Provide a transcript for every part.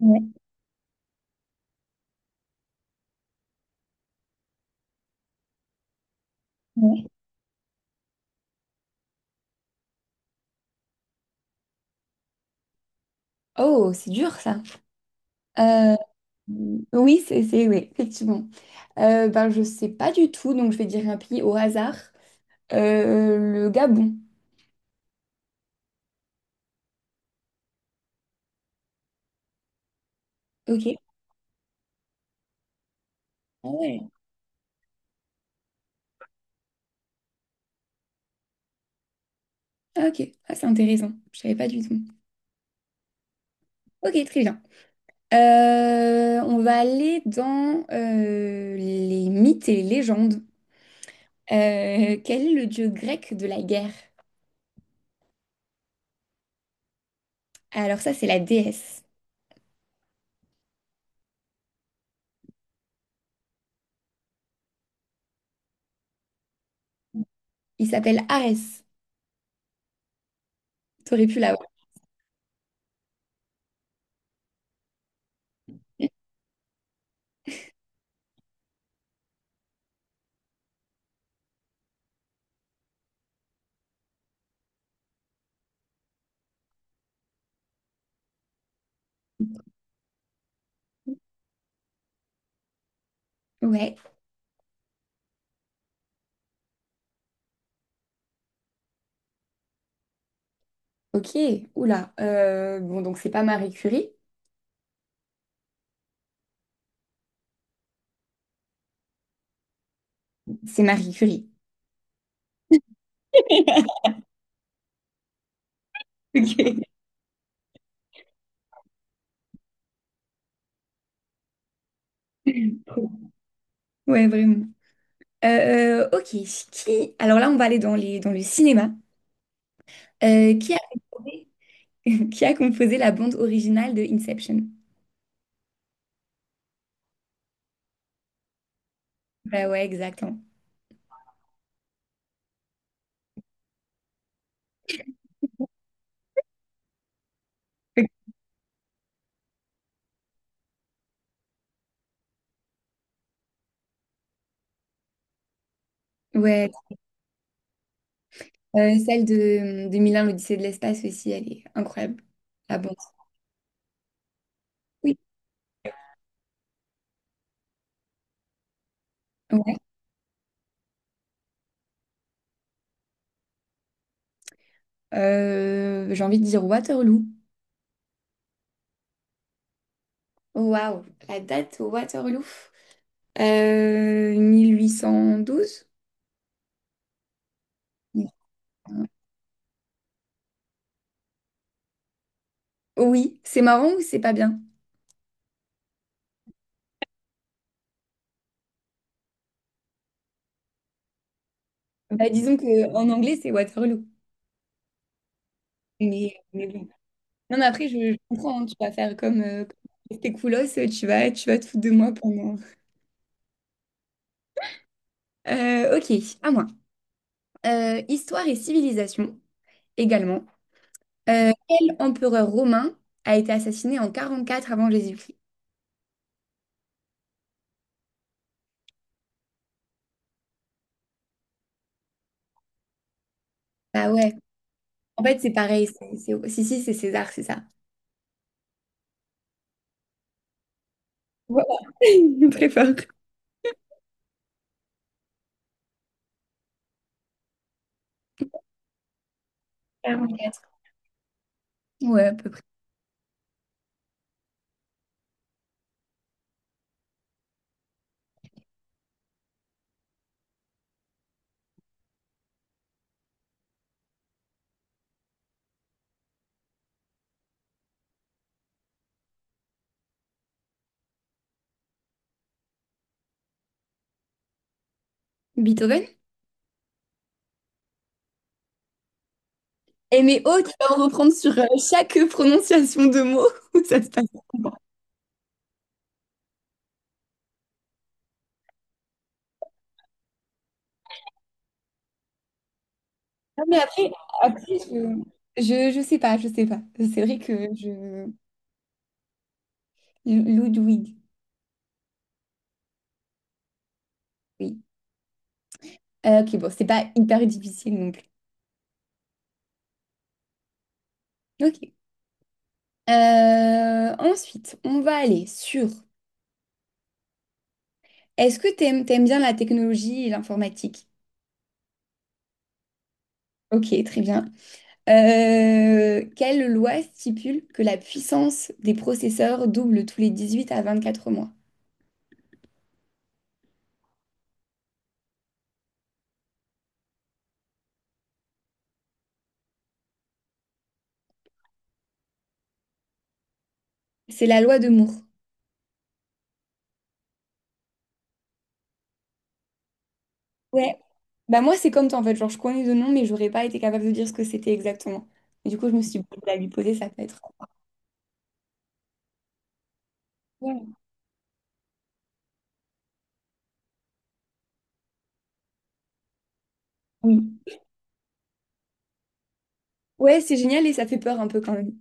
Ouais, ouais. Oh, c'est dur ça. Euh, oui, oui, effectivement. Ben, je sais pas du tout, donc je vais dire un pays au hasard. Le Gabon. Ok. Ah ouais. Ah, ok. Ah, c'est intéressant. Je savais pas du tout. Ok, très bien. On va aller dans les mythes et les légendes. Quel est le dieu grec de la guerre? Alors ça, c'est la déesse. Il s'appelle Arès. T'aurais pu l'avoir. Ouais. Ok, oula. Bon, donc c'est pas Marie Curie, c'est Marie Curie. Ok. Ouais, vraiment. Ok, qui... Alors là, on va aller dans le cinéma. Euh, qui a composé... qui a composé la bande originale de Inception? Bah ouais, exactement. Ouais, celle de Milan, l'Odyssée de l'espace aussi, elle est incroyable. La bande. Oui. Ouais. J'ai envie de dire Waterloo. Waouh, la date au Waterloo. 1812? Oui, c'est marrant ou c'est pas bien? Bah, disons que en anglais, c'est Waterloo. Mais bon. Non, mais après, je comprends, hein, tu vas faire comme, comme tes coolos, tu vas te foutre de moi pendant. Ok, à moi. Histoire et civilisation, également. Quel empereur romain a été assassiné en 44 avant Jésus-Christ? Bah ouais, en fait, c'est pareil. Si, si, c'est César, c'est ça. Voilà. Très fort. 44. Ouais, à peu près. Beethoven? Eh mais oh, tu vas en reprendre sur chaque prononciation de mot. Ça se passe comment? Non, mais après je sais pas, je sais pas. C'est vrai que je... Ludwig, oui. Ok, bon, c'est pas hyper difficile non plus. Ok. Ensuite, on va aller sur... Est-ce que t'aimes bien la technologie et l'informatique? Ok, très bien. Quelle loi stipule que la puissance des processeurs double tous les 18 à 24 mois? C'est la loi de Moore. Ouais, bah moi c'est comme toi en fait, genre je connais de nom mais j'aurais pas été capable de dire ce que c'était exactement. Et du coup je me suis dit, bon, à lui poser ça peut être... Ouais. Oui. Ouais, c'est génial et ça fait peur un peu quand même.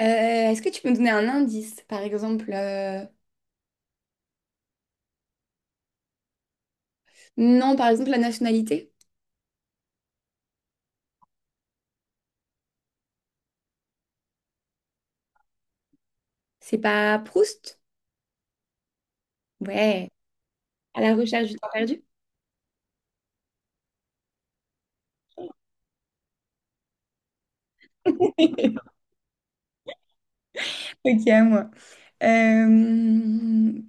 Euh, Est-ce que tu peux me donner un indice, par exemple? Non par exemple la nationalité? C'est pas Proust? Ouais, à la recherche du temps perdu. Ok, à moi. Euh,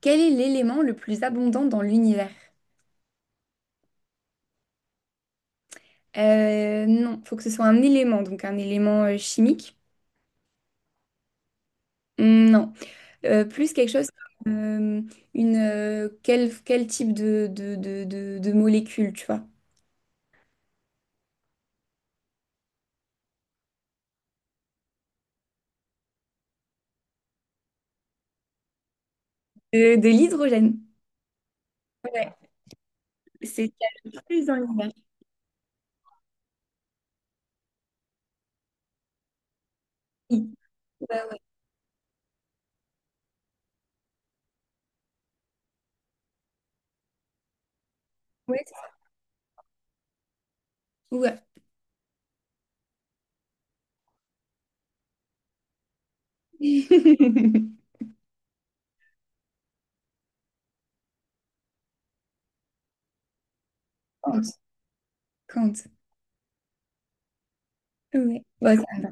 Quel est l'élément le plus abondant dans l'univers? Non, faut que ce soit un élément, donc un élément chimique. Non. Plus quelque chose comme, une, quel type de molécule, tu vois? De l'hydrogène. C'est ce qu'il y a le plus dans l'univers. Oui. Bah ouais. Ouais. Ouais. Kant. Kant. Ouais. Bah, ça va.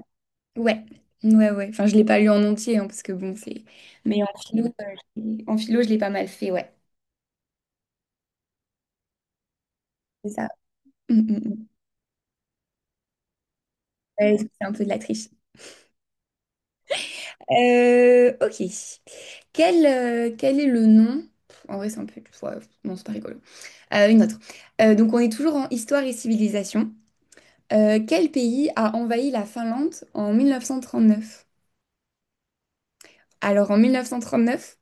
Ouais. Ouais, ouais. Enfin, je l'ai pas lu en entier, hein, parce que bon, c'est. Mais en philo, en philo, je l'ai pas mal fait, ouais. C'est ça. Mm, mm, mm. Ouais, c'est un peu de la triche. Ok. Quel est le nom? Pff, en vrai, c'est un peu, ouais, non, c'est pas rigolo. Une autre. Donc on est toujours en histoire et civilisation. Quel pays a envahi la Finlande en 1939? Alors en 1939,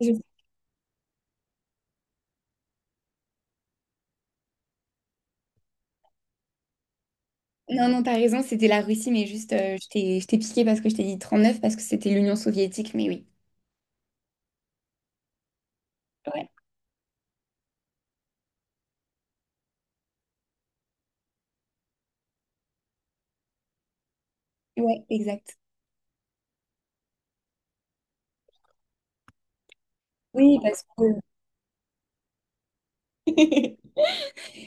je- non, non, t'as raison, c'était la Russie, mais juste je t'ai piqué parce que je t'ai dit 39 parce que c'était l'Union soviétique, mais oui. Ouais, ouais, exact. Oui, parce que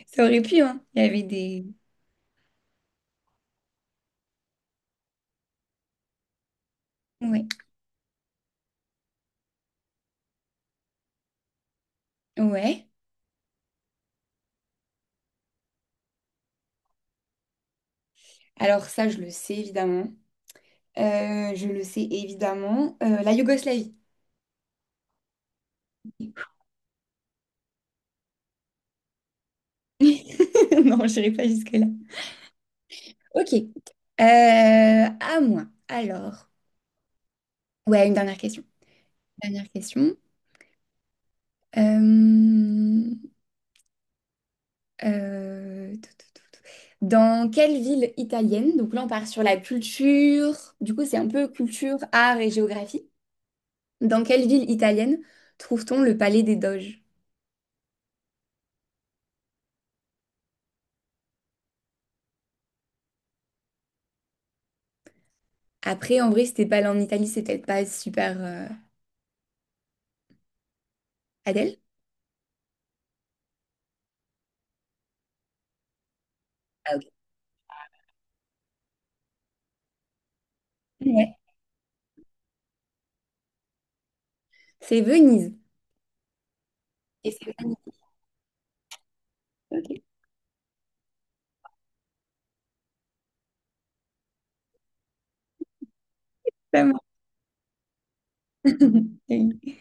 ça aurait pu, hein. Il y avait des. Ouais. Ouais. Alors ça, je le sais évidemment. Je le sais évidemment. La Yougoslavie. Non, je n'irai pas jusque-là. Ok. À moi. Alors, ouais, une dernière question. Dernière question. Euh, Tout, tout, tout, tout. Dans quelle ville italienne, donc là on part sur la culture, du coup c'est un peu culture, art et géographie. Dans quelle ville italienne trouve-t-on le Palais des Doges? Après, en vrai, si t'es pas allé en Italie, c'est peut-être pas super Adèle. Ouais. C'est Venise. Et c'est Venise. Vraiment.